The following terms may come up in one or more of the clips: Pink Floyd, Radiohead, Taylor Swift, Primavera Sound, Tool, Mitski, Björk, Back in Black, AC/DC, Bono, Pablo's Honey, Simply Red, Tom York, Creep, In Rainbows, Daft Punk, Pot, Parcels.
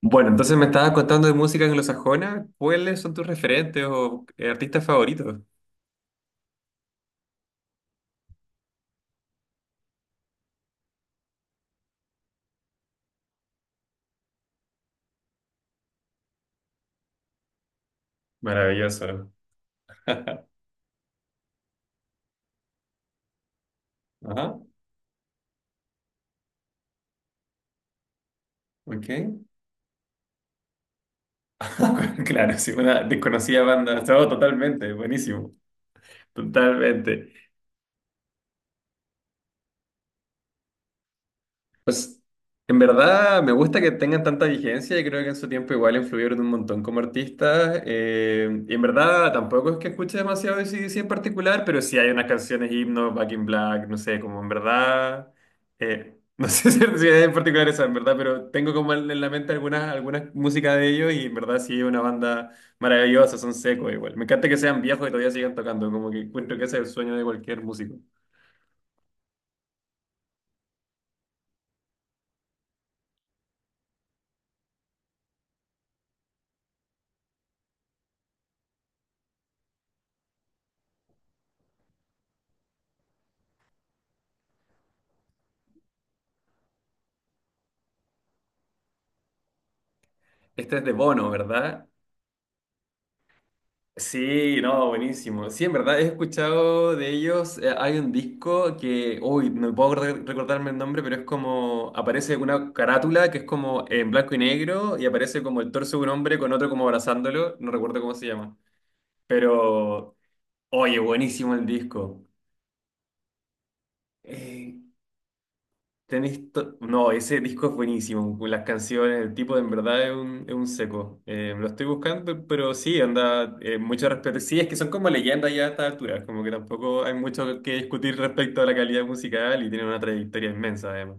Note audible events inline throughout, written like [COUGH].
Bueno, entonces me estabas contando de música anglosajona. ¿Cuáles son tus referentes o artistas favoritos? Maravilloso. Ajá, ok. [LAUGHS] Claro, sí, una desconocida banda. Todo totalmente, buenísimo. Totalmente. Pues en verdad me gusta que tengan tanta vigencia y creo que en su tiempo igual influyeron un montón como artistas. Y en verdad tampoco es que escuche demasiado de AC/DC en particular, pero sí hay unas canciones, himnos, Back in Black, no sé, como en verdad, no [LAUGHS] sé si es en particular esa, en verdad, pero tengo como en la mente algunas música de ellos y en verdad sí es una banda maravillosa, son secos igual. Me encanta que sean viejos y todavía sigan tocando, como que encuentro que ese es el sueño de cualquier músico. Este es de Bono, ¿verdad? Sí, no, buenísimo. Sí, en verdad, he escuchado de ellos, hay un disco que, uy, no puedo recordarme el nombre, pero es como, aparece una carátula que es como en blanco y negro y aparece como el torso de un hombre con otro como abrazándolo, no recuerdo cómo se llama. Pero, oye, buenísimo el disco. No, ese disco es buenísimo. Las canciones, el tipo de en verdad es es un seco. Lo estoy buscando, pero sí, anda, mucho respeto. Sí, es que son como leyendas ya a estas alturas, como que tampoco hay mucho que discutir respecto a la calidad musical y tienen una trayectoria inmensa además.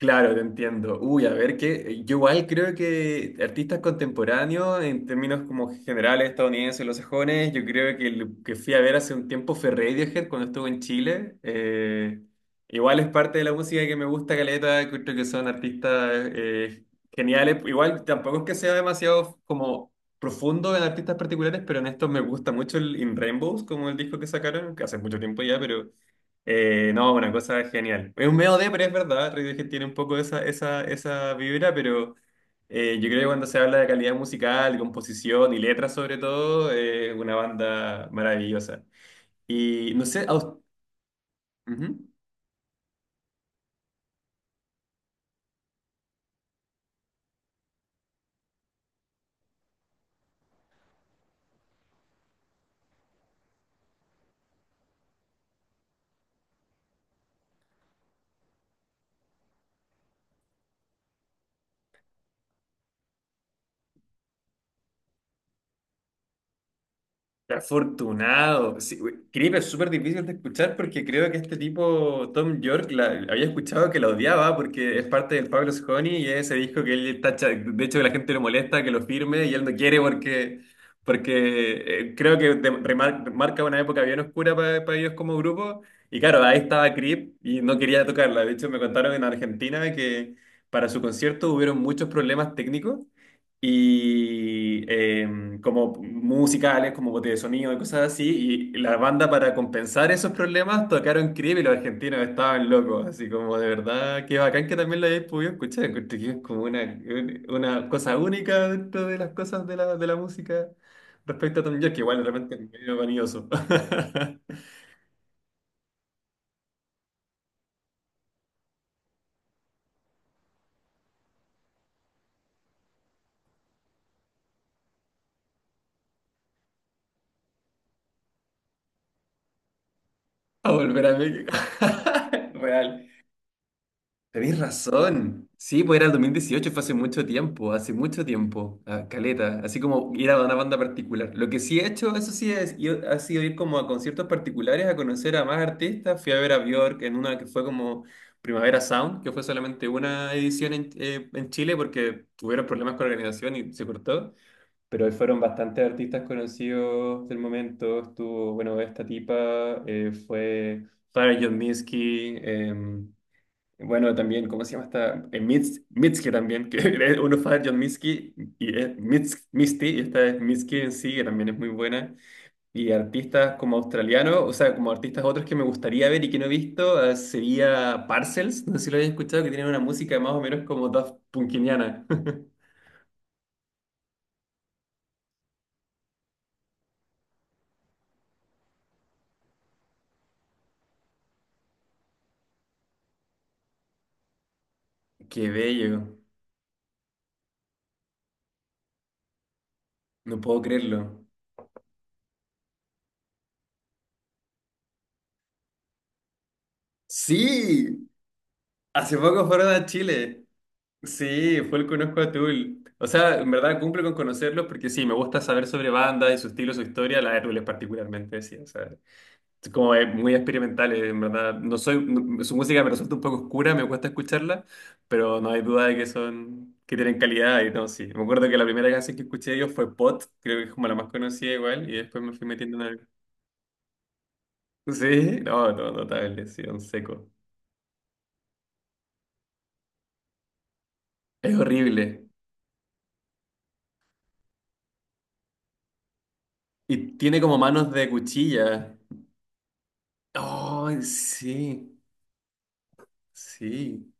Claro, te entiendo. Uy, a ver, que yo igual creo que artistas contemporáneos, en términos como generales estadounidenses, los sajones, yo creo que el que fui a ver hace un tiempo fue Radiohead cuando estuve en Chile. Igual es parte de la música que me gusta, caleta, creo que son artistas geniales. Igual tampoco es que sea demasiado como profundo en artistas particulares, pero en estos me gusta mucho el In Rainbows, como el disco que sacaron, que hace mucho tiempo ya, pero... No, una cosa genial. Es un medio de, pero es verdad, Radiohead tiene un poco esa vibra, pero yo creo que cuando se habla de calidad musical, de composición y letras sobre todo, es una banda maravillosa. Y no sé, Ujú. Afortunado. Sí, güey, Creep es súper difícil de escuchar porque creo que este tipo, Tom York, había escuchado que la odiaba porque es parte del Pablo's Honey y ese disco que él tacha. De hecho, la gente lo molesta que lo firme y él no quiere porque, porque creo que marca una época bien oscura para ellos como grupo. Y claro, ahí estaba Creep y no quería tocarla. De hecho, me contaron en Argentina que para su concierto hubieron muchos problemas técnicos y como musicales, como botes de sonido y cosas así. Y la banda para compensar esos problemas tocaron Creep y los argentinos estaban locos, así como de verdad, qué bacán que también lo hayáis podido escuchar. Encuentro que es como una cosa única dentro de las cosas de de la música respecto a Tom York, que igual de repente es medio vanidoso. [LAUGHS] A volver a México. [LAUGHS] Real. Tenéis razón. Sí, pues era el 2018 fue hace mucho tiempo, a caleta, así como ir a una banda particular. Lo que sí he hecho, eso sí, ha sido ir como a conciertos particulares, a conocer a más artistas. Fui a ver a Björk en una que fue como Primavera Sound, que fue solamente una edición en Chile porque tuvieron problemas con la organización y se cortó. Pero ahí fueron bastantes artistas conocidos del momento. Estuvo, bueno, esta tipa fue... Farah John Minsky, bueno, también, ¿cómo se llama esta? Mitski también, que [LAUGHS] uno fue John Mitski y es Misty, y esta es Mitski en sí, que también es muy buena. Y artistas como australianos, o sea, como artistas otros que me gustaría ver y que no he visto, sería Parcels, no sé si lo habéis escuchado, que tiene una música más o menos como Daft Punkiniana. [LAUGHS] Qué bello, no puedo creerlo. Sí, hace poco fueron a Chile. Sí, fue el Conozco a Tool. O sea, en verdad cumple con conocerlos porque sí, me gusta saber sobre bandas y su estilo, su historia, la de Tool es particularmente, sí. O sea, es muy experimental, en verdad. No soy, no- su música me resulta un poco oscura, me cuesta escucharla, pero no hay duda de que que tienen calidad y no, sí. Me acuerdo que la primera canción que escuché de ellos fue Pot, creo que es como la más conocida igual, y después me fui metiendo en algo. Sí, no, no, notable, sí, un seco. Es horrible. Y tiene como manos de cuchilla. Oh, sí. Sí,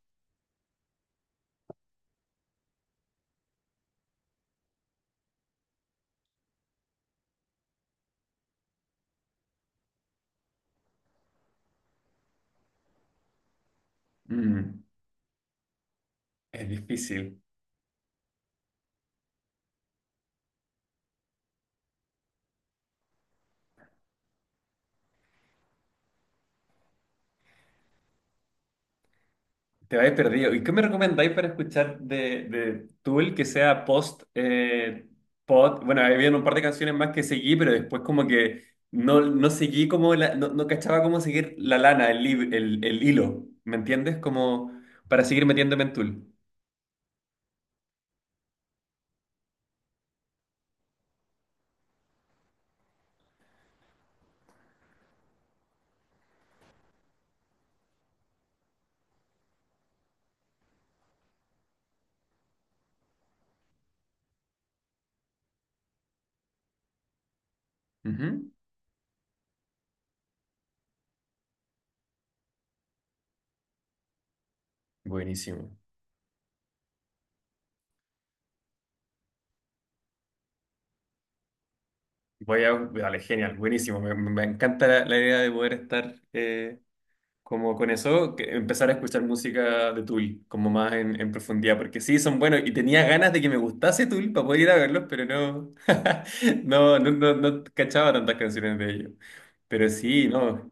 Mm, es difícil. Te vais perdido. ¿Y qué me recomendáis para escuchar de Tool que sea post pod? Bueno, había un par de canciones más que seguí, pero después como que no seguí como no, no cachaba cómo seguir la lana, el hilo. ¿Me entiendes? Como para seguir metiéndome en Tool. Ujú. Buenísimo. Vale, genial, buenísimo. Me encanta la idea de poder estar como con eso, que empezar a escuchar música de Tool, como más en profundidad, porque sí, son buenos, y tenía ganas de que me gustase Tool para poder ir a verlos, pero no, [LAUGHS] no cachaba tantas canciones de ellos. Pero sí, no,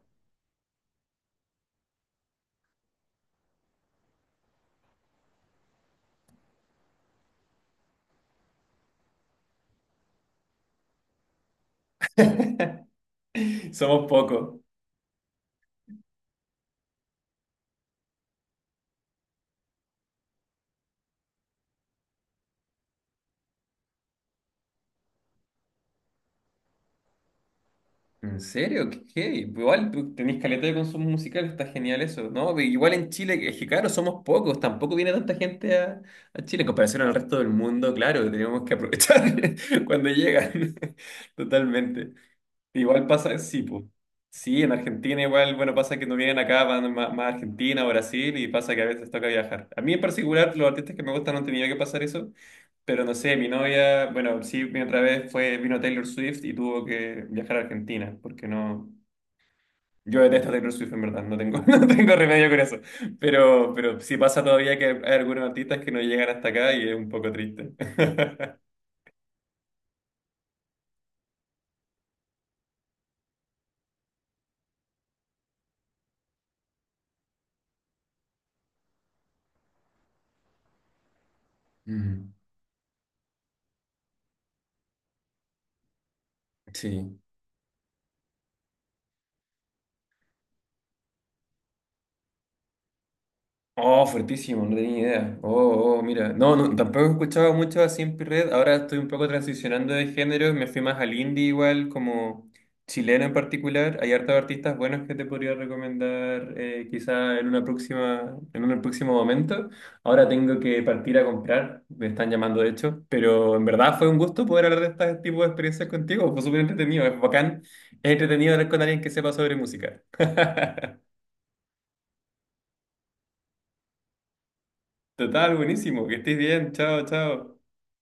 somos pocos. ¿En serio? ¿Qué? Igual tú tenés caleta de consumo musical, está genial eso, ¿no? Pero igual en Chile, es que claro, somos pocos, tampoco viene tanta gente a Chile en comparación al resto del mundo, claro, tenemos que aprovechar [LAUGHS] cuando llegan, [LAUGHS] totalmente. Igual pasa, sí, pues. Sí, en Argentina igual, bueno, pasa que no vienen acá, más, a Argentina o Brasil y pasa que a veces toca viajar. A mí en particular, los artistas que me gustan no han tenido que pasar eso, pero no sé, mi novia, bueno, sí, mi otra vez fue, vino Taylor Swift y tuvo que viajar a Argentina, porque no, yo detesto a Taylor Swift en verdad, [LAUGHS] no tengo remedio con eso, pero sí pasa todavía que hay algunos artistas que no llegan hasta acá y es un poco triste. [LAUGHS] Mm, sí. Oh, fuertísimo, no tenía ni idea. Oh, oh, mira. No, no, tampoco escuchaba mucho a Simply Red. Ahora estoy un poco transicionando de género. Me fui más al indie igual, como chileno en particular. Hay hartos artistas buenos que te podría recomendar quizá en una próxima, en un próximo momento. Ahora tengo que partir a comprar. Me están llamando, de hecho. Pero en verdad fue un gusto poder hablar de este tipo de experiencias contigo. Fue súper entretenido. Es bacán. Es entretenido hablar con alguien que sepa sobre música. [LAUGHS] Total, buenísimo. Que estés bien. Chao, chao.